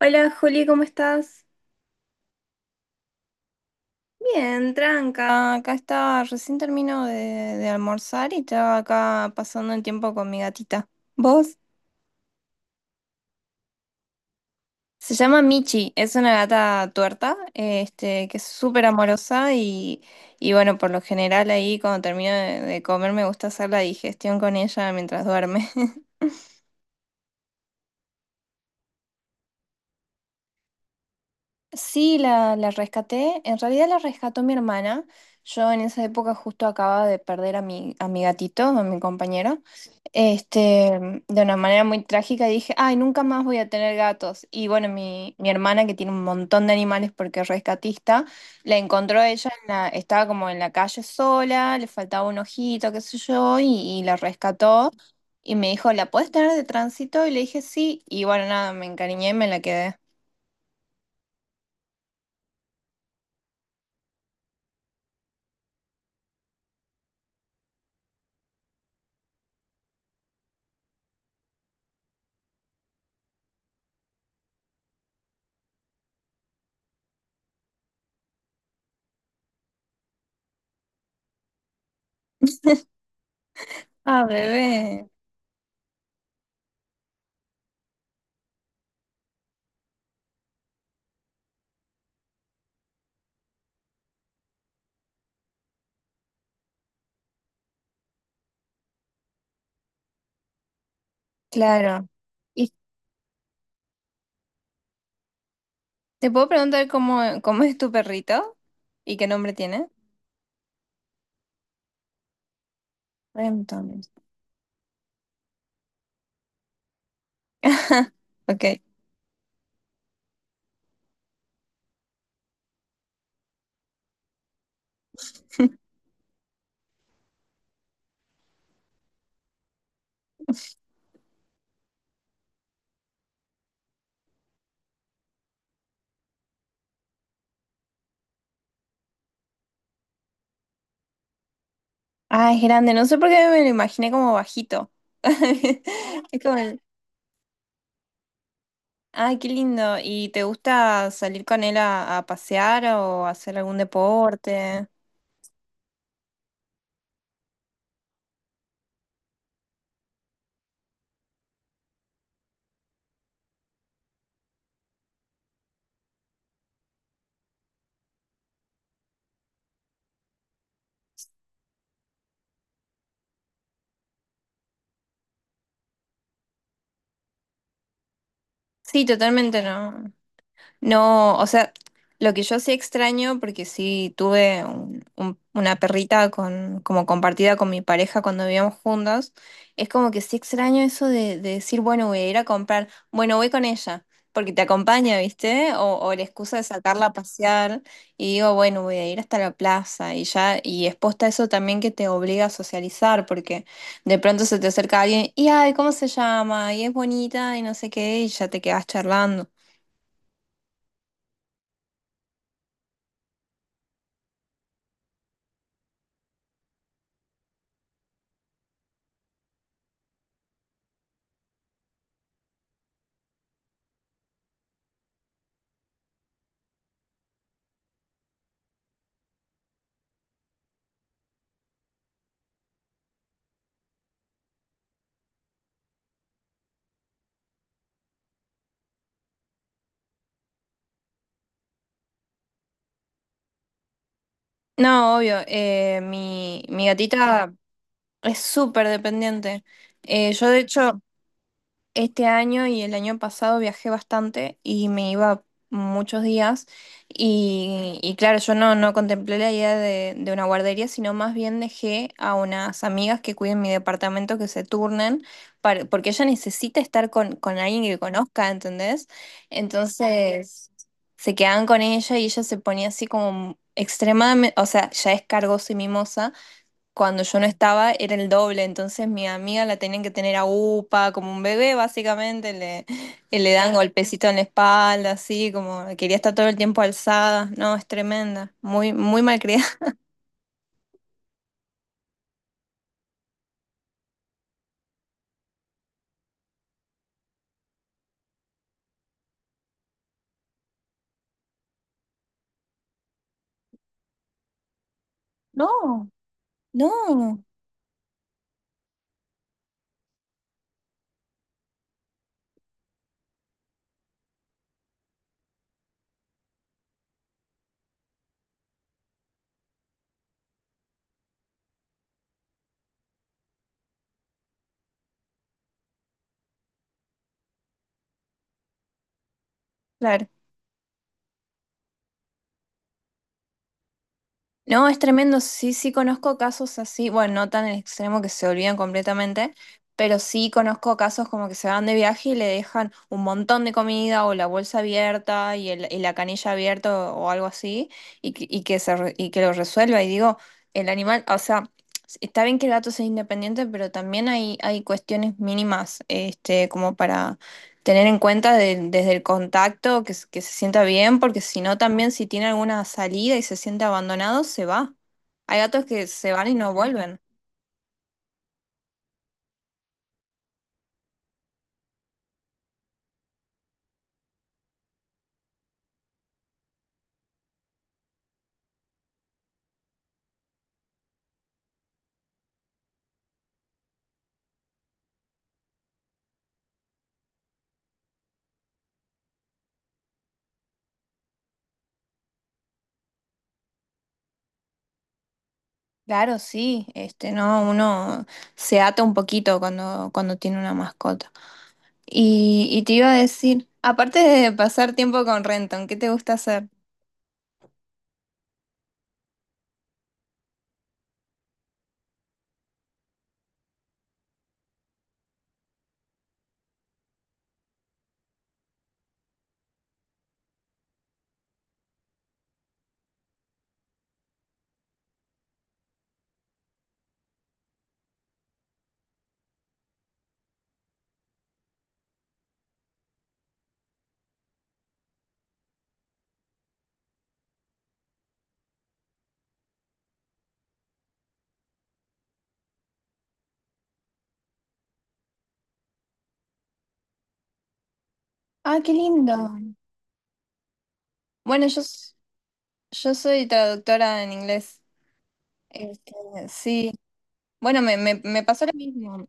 Hola Juli, ¿cómo estás? Bien, tranca. Acá estaba, recién termino de almorzar y estaba acá pasando el tiempo con mi gatita. ¿Vos? Se llama Michi, es una gata tuerta, este, que es súper amorosa y bueno, por lo general ahí cuando termino de comer me gusta hacer la digestión con ella mientras duerme. Sí, la rescaté. En realidad la rescató mi hermana. Yo en esa época justo acababa de perder a mi gatito, a mi compañero. Este, de una manera muy trágica, y dije, ay, nunca más voy a tener gatos. Y bueno, mi hermana, que tiene un montón de animales porque es rescatista, la encontró ella, en la, estaba como en la calle sola, le faltaba un ojito, qué sé yo, y la rescató. Y me dijo, ¿la puedes tener de tránsito? Y le dije, sí. Y bueno, nada, me encariñé y me la quedé. Ah, bebé. Claro. ¿Y te puedo preguntar cómo, cómo es tu perrito? ¿Y qué nombre tiene? Renton. Ok. Ah, es grande. No sé por qué me lo imaginé como bajito. Es como... Ay, qué lindo. ¿Y te gusta salir con él a pasear o hacer algún deporte? Sí, totalmente no. No, o sea, lo que yo sí extraño, porque sí tuve una perrita con, como compartida con mi pareja cuando vivíamos juntos, es como que sí extraño eso de decir, bueno, voy a ir a comprar, bueno, voy con ella, porque te acompaña, ¿viste? O la excusa de sacarla a pasear y digo, bueno, voy a ir hasta la plaza y ya, y exposta a eso también que te obliga a socializar, porque de pronto se te acerca alguien y, ay, ¿cómo se llama? Y es bonita y no sé qué, y ya te quedas charlando. No, obvio. Mi gatita es súper dependiente. Yo, de hecho, este año y el año pasado viajé bastante y me iba muchos días y claro, yo no, no contemplé la idea de una guardería, sino más bien dejé a unas amigas que cuiden mi departamento que se turnen, porque ella necesita estar con alguien que conozca, ¿entendés? Entonces se quedaban con ella y ella se ponía así como extremadamente, o sea, ya es cargosa y mimosa, cuando yo no estaba era el doble, entonces mi amiga la tenían que tener a upa, como un bebé básicamente, le, y le dan golpecito en la espalda, así como quería estar todo el tiempo alzada, no, es tremenda, muy, muy malcriada. No, no, claro. No, es tremendo. Sí, sí conozco casos así, bueno, no tan el extremo que se olvidan completamente, pero sí conozco casos como que se van de viaje y le dejan un montón de comida o la bolsa abierta y, y la canilla abierta o algo así y, y que se, y que lo resuelva. Y digo, el animal, o sea, está bien que el gato sea independiente, pero también hay cuestiones mínimas, este, como para tener en cuenta desde el contacto que se sienta bien, porque si no también si tiene alguna salida y se siente abandonado, se va. Hay gatos que se van y no vuelven. Claro, sí, este, no, uno se ata un poquito cuando, cuando tiene una mascota. Y te iba a decir, aparte de pasar tiempo con Renton, ¿qué te gusta hacer? Ah, qué lindo. Bueno, yo, yo soy traductora en inglés. Este, sí. Bueno, me pasó lo mismo.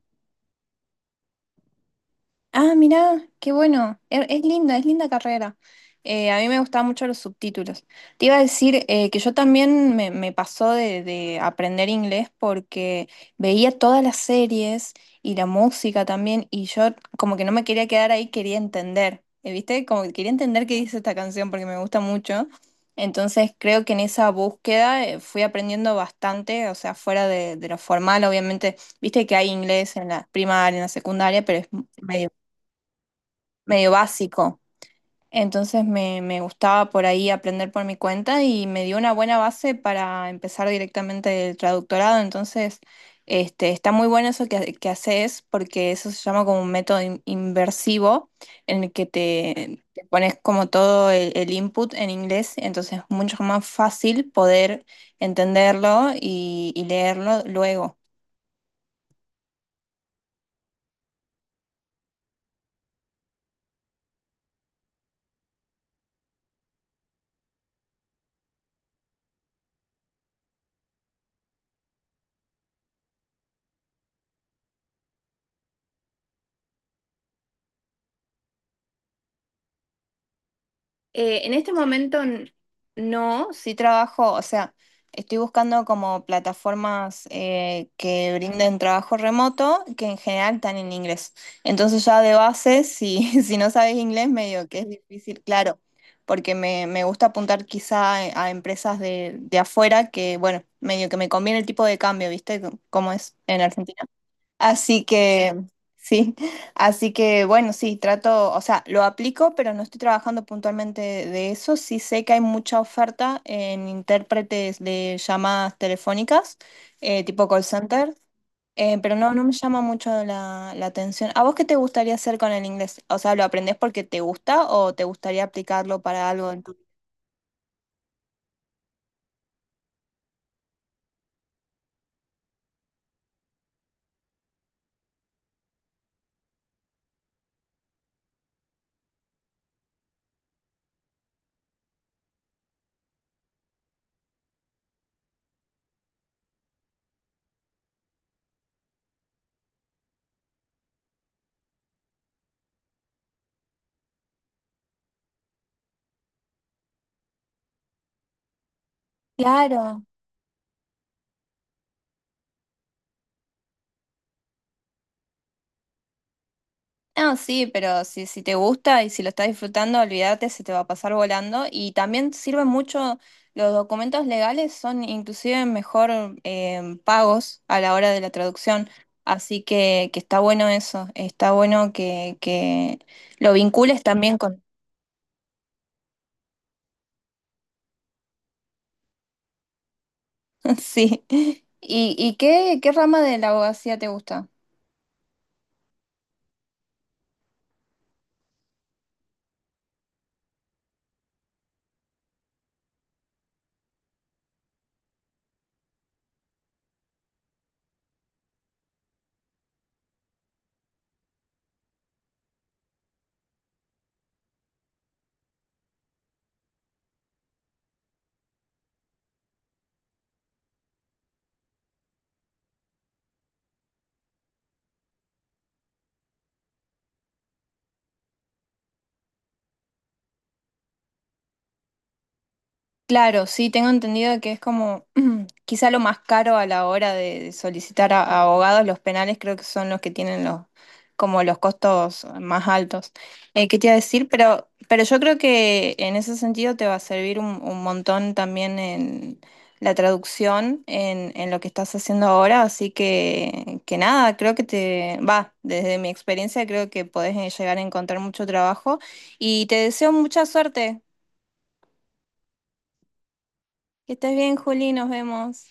Ah, mirá, qué bueno. Es linda carrera. A mí me gustaban mucho los subtítulos. Te iba a decir que yo también me pasó de aprender inglés porque veía todas las series y la música también y yo como que no me quería quedar ahí, quería entender. ¿Viste? Como que quería entender qué dice esta canción porque me gusta mucho. Entonces creo que en esa búsqueda fui aprendiendo bastante, o sea, fuera de lo formal, obviamente, viste que hay inglés en la primaria, en la secundaria, pero es medio medio básico. Entonces me gustaba por ahí aprender por mi cuenta y me dio una buena base para empezar directamente el traductorado. Entonces, este, está muy bueno eso que haces porque eso se llama como un método inversivo en el que te pones como todo el input en inglés. Entonces es mucho más fácil poder entenderlo y leerlo luego. En este momento no, sí trabajo, o sea, estoy buscando como plataformas que brinden trabajo remoto, que en general están en inglés. Entonces ya de base, si, si no sabes inglés, medio que es difícil, claro, porque me gusta apuntar quizá a empresas de afuera que, bueno, medio que me conviene el tipo de cambio, ¿viste? Como es en Argentina. Así que, sí, así que bueno, sí, trato, o sea, lo aplico, pero no estoy trabajando puntualmente de eso. Sí sé que hay mucha oferta en intérpretes de llamadas telefónicas, tipo call center, pero no, no me llama mucho la, la atención. ¿A vos qué te gustaría hacer con el inglés? O sea, ¿lo aprendés porque te gusta o te gustaría aplicarlo para algo en tu... Claro. No, sí, pero si, si te gusta y si lo estás disfrutando, olvídate, se te va a pasar volando. Y también sirven mucho, los documentos legales son inclusive mejor pagos a la hora de la traducción. Así que está bueno eso, está bueno que lo vincules también con... Sí. Y qué, qué rama de la abogacía te gusta? Claro, sí, tengo entendido que es como quizá lo más caro a la hora de solicitar a abogados, los penales creo que son los que tienen los como los costos más altos. ¿Qué te iba a decir? Pero yo creo que en ese sentido te va a servir un montón también en la traducción, en lo que estás haciendo ahora, así que nada, creo que te va, desde mi experiencia creo que podés llegar a encontrar mucho trabajo y te deseo mucha suerte. Que estés bien, Juli, nos vemos.